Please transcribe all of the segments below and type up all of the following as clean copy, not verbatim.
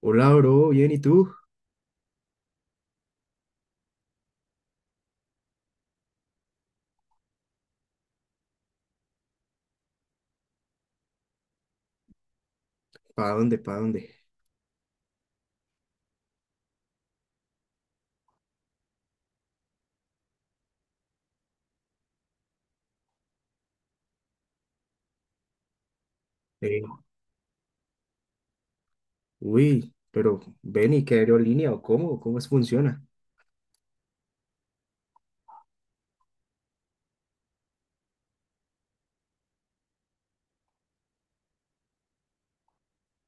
Hola, bro, bien, ¿y tú? ¿Para dónde? ¿Para dónde? Eh, uy, pero ven y qué aerolínea o cómo es funciona.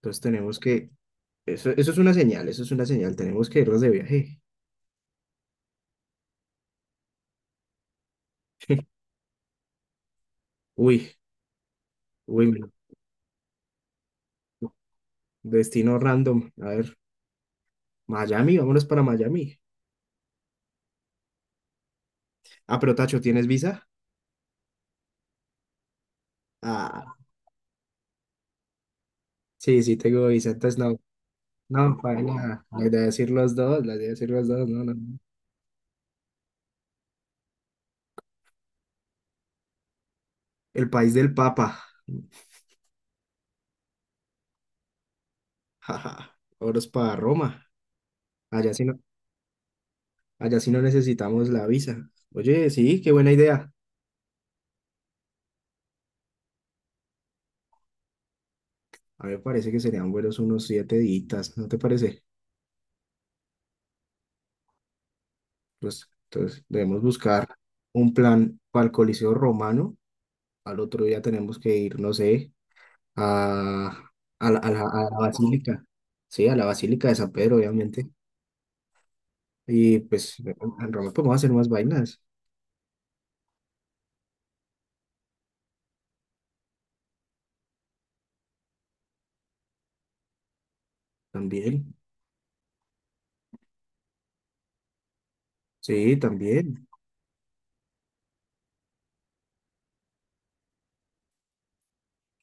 Entonces tenemos que, eso es una señal, eso es una señal, tenemos que irnos de viaje. Uy, uy, destino random. A ver, Miami, vámonos para Miami. Ah, pero Tacho, ¿tienes visa? Ah, sí, sí tengo visa, entonces no, no, para nada. La idea es ir los dos, la idea es ir los dos, no, no. no. El país del Papa, jaja. Vámonos para Roma. Allá sí allá sí no necesitamos la visa. Oye, sí, qué buena idea. A mí me parece que serían buenos unos 7 días, ¿no te parece? Pues entonces debemos buscar un plan para el Coliseo Romano. Al otro día tenemos que ir, no sé, a, a la Basílica. Sí, a la Basílica de San Pedro, obviamente. Y pues en Roma podemos hacer más vainas también. Sí, también.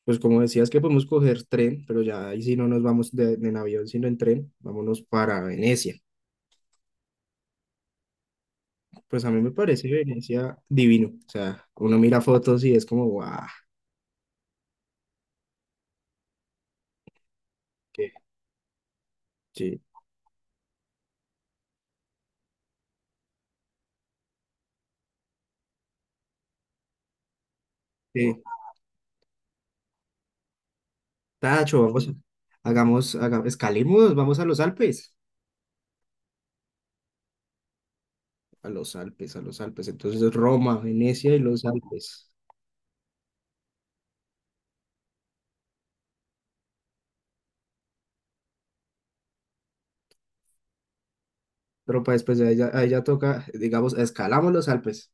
Pues como decías que podemos coger tren, pero ya ahí sí no nos vamos de, en avión, sino en tren. Vámonos para Venecia. Pues a mí me parece Venecia divino. O sea, uno mira fotos y es como, guau, qué chido. Tacho, vamos, escalemos, vamos a los Alpes. A los Alpes, a los Alpes. Entonces Roma, Venecia y los Alpes. Pero pues después de ahí ya toca, digamos, escalamos los Alpes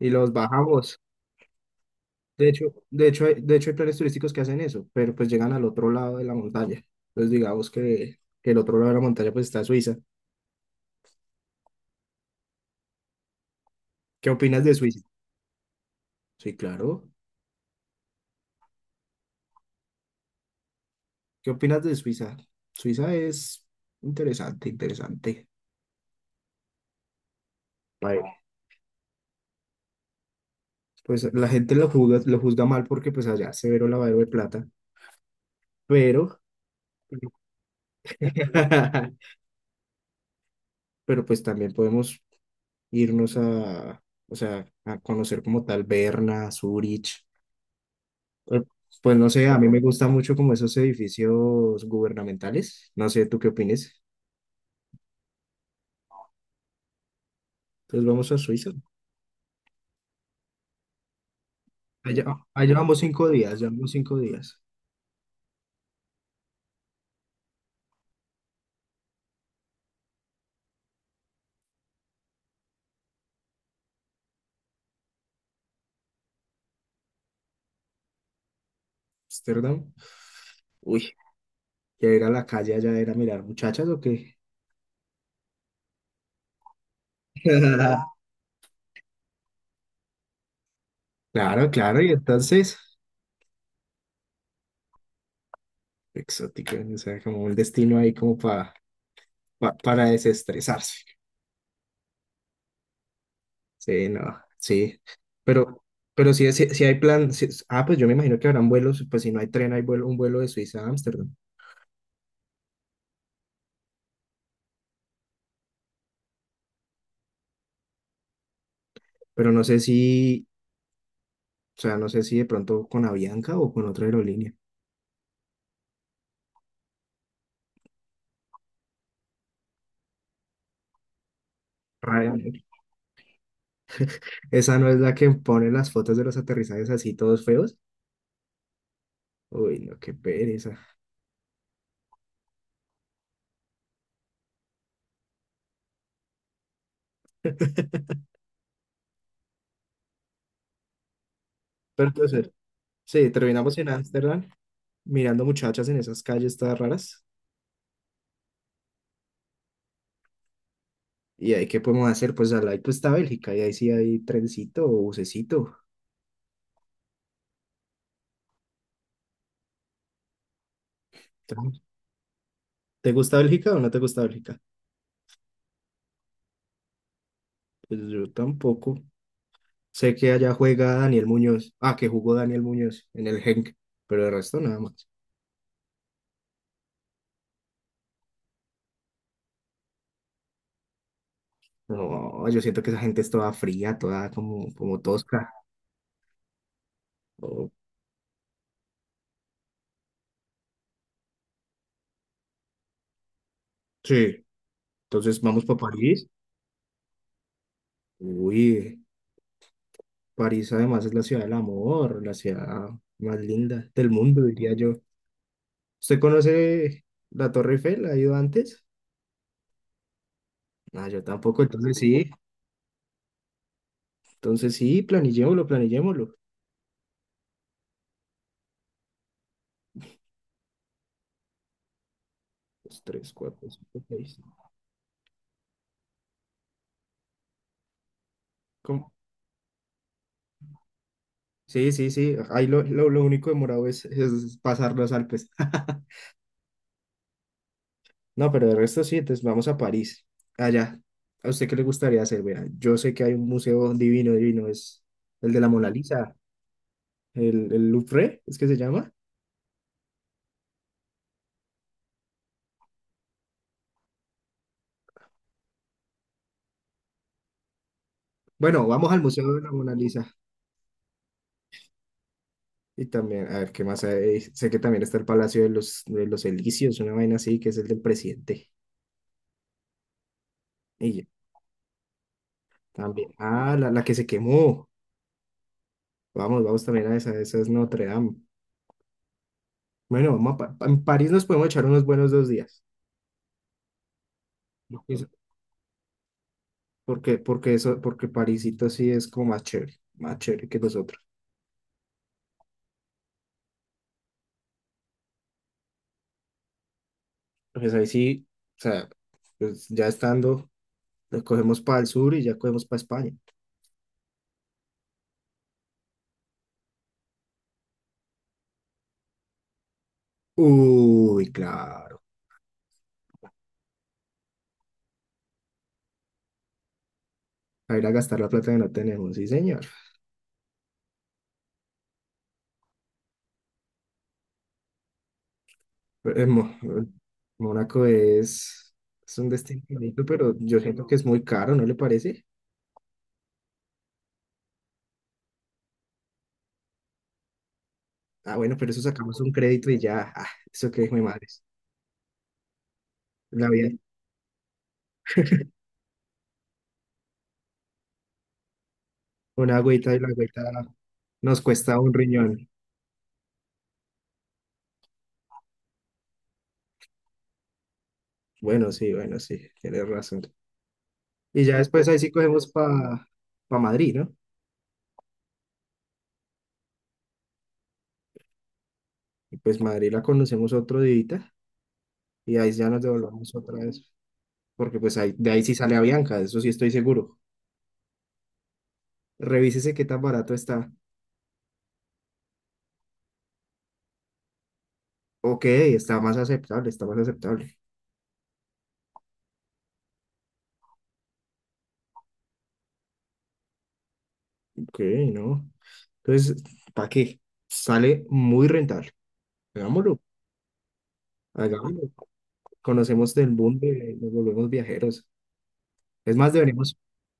y los bajamos. De hecho hay planes turísticos que hacen eso, pero pues llegan al otro lado de la montaña. Entonces digamos que el otro lado de la montaña pues está Suiza. ¿Qué opinas de Suiza? Sí, claro. ¿Qué opinas de Suiza? Suiza es interesante, interesante. País. Pues la gente lo juzga mal porque pues allá se veró lavadero de plata, pero, pero pues también podemos irnos a, o sea, a conocer como tal Berna, Zurich. Pues, pues no sé, a mí me gusta mucho como esos edificios gubernamentales. No sé, ¿tú qué opinas? Entonces vamos a Suiza. Allá, allá vamos 5 días, ya vamos 5 días. Amsterdam. Uy, ya ir a la calle allá era mirar muchachas o qué. Claro, claro, y entonces, exótico, o sea, como un destino ahí como pa, para desestresarse. Sí, no, sí. Pero, pero si, si hay plan, ah, pues yo me imagino que habrán vuelos, pues si no hay tren, hay vuelo, un vuelo de Suiza a Ámsterdam. Pero no sé si, o sea, no sé si de pronto con Avianca o con otra aerolínea. Ryanair. Esa no es la que pone las fotos de los aterrizajes así todos feos. Uy, no, qué pereza. Pero entonces, sí, terminamos en Ámsterdam mirando muchachas en esas calles todas raras. ¿Y ahí qué podemos hacer? Pues al lado pues, está Bélgica y ahí sí hay trencito o bucecito. Entonces, ¿te gusta Bélgica o no te gusta Bélgica? Pues yo tampoco. Sé que allá juega Daniel Muñoz. Ah, que jugó Daniel Muñoz en el Genk, pero de resto nada más. No, yo siento que esa gente es toda fría, toda como, como tosca. Oh, sí, entonces vamos para París. Uy, París además es la ciudad del amor, la ciudad más linda del mundo, diría yo. ¿Usted conoce la Torre Eiffel? ¿Ha ido antes? Ah, yo tampoco, entonces sí, planillémoslo, planillémoslo. Dos, tres, cuatro, cinco, seis. ¿Cómo? Sí, sí, sí, ahí lo, lo único demorado es pasar los Alpes. No, pero de resto sí, entonces vamos a París, allá. ¿A usted qué le gustaría hacer? Vea, yo sé que hay un museo divino, divino, es el de la Mona Lisa, el Louvre, ¿es que se llama? Bueno, vamos al Museo de la Mona Lisa. Y también, a ver, ¿qué más hay? Sé que también está el Palacio de los Elíseos, una vaina así, que es el del presidente. Y ya, también. Ah, la que se quemó. Vamos, vamos también a esa, esa es Notre Dame. Bueno, vamos a en París nos podemos echar unos buenos 2 días. Eso, porque, porque eso, porque Parisito sí es como más chévere que nosotros. Pues ahí sí, o sea, pues ya estando, nos cogemos para el sur y ya cogemos para España. Uy, claro. A ir a gastar la plata que no tenemos, sí, señor. Pero, Mónaco es un destino bonito, pero yo siento que es muy caro, ¿no le parece? Ah, bueno, pero eso sacamos un crédito y ya, ah, eso que es mi madre. La vida, una agüita y la agüita nos cuesta un riñón. Bueno, sí, bueno, sí, tienes razón. Y ya después ahí sí cogemos para pa Madrid, ¿no? Y pues Madrid la conocemos otro día y ahí ya nos devolvemos otra vez, porque pues de ahí sí sale Avianca, de eso sí estoy seguro. Revísese qué tan barato está. Ok, está más aceptable, está más aceptable. Ok, no. Entonces, ¿para qué? Sale muy rentable. Hagámoslo, hagámoslo. Conocemos del boom de nos volvemos viajeros. Es más, deberíamos,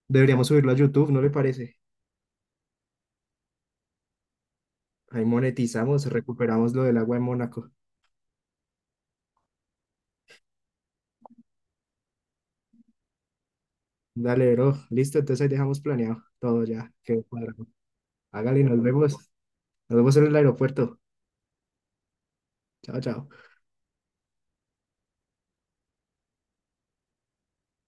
deberíamos subirlo a YouTube, ¿no le parece? Ahí monetizamos, recuperamos lo del agua en Mónaco. Dale, bro. Listo, entonces ahí dejamos planeado todo ya. Quedó cuadrado. Hágale, nos vemos. Nos vemos en el aeropuerto. Chao, chao.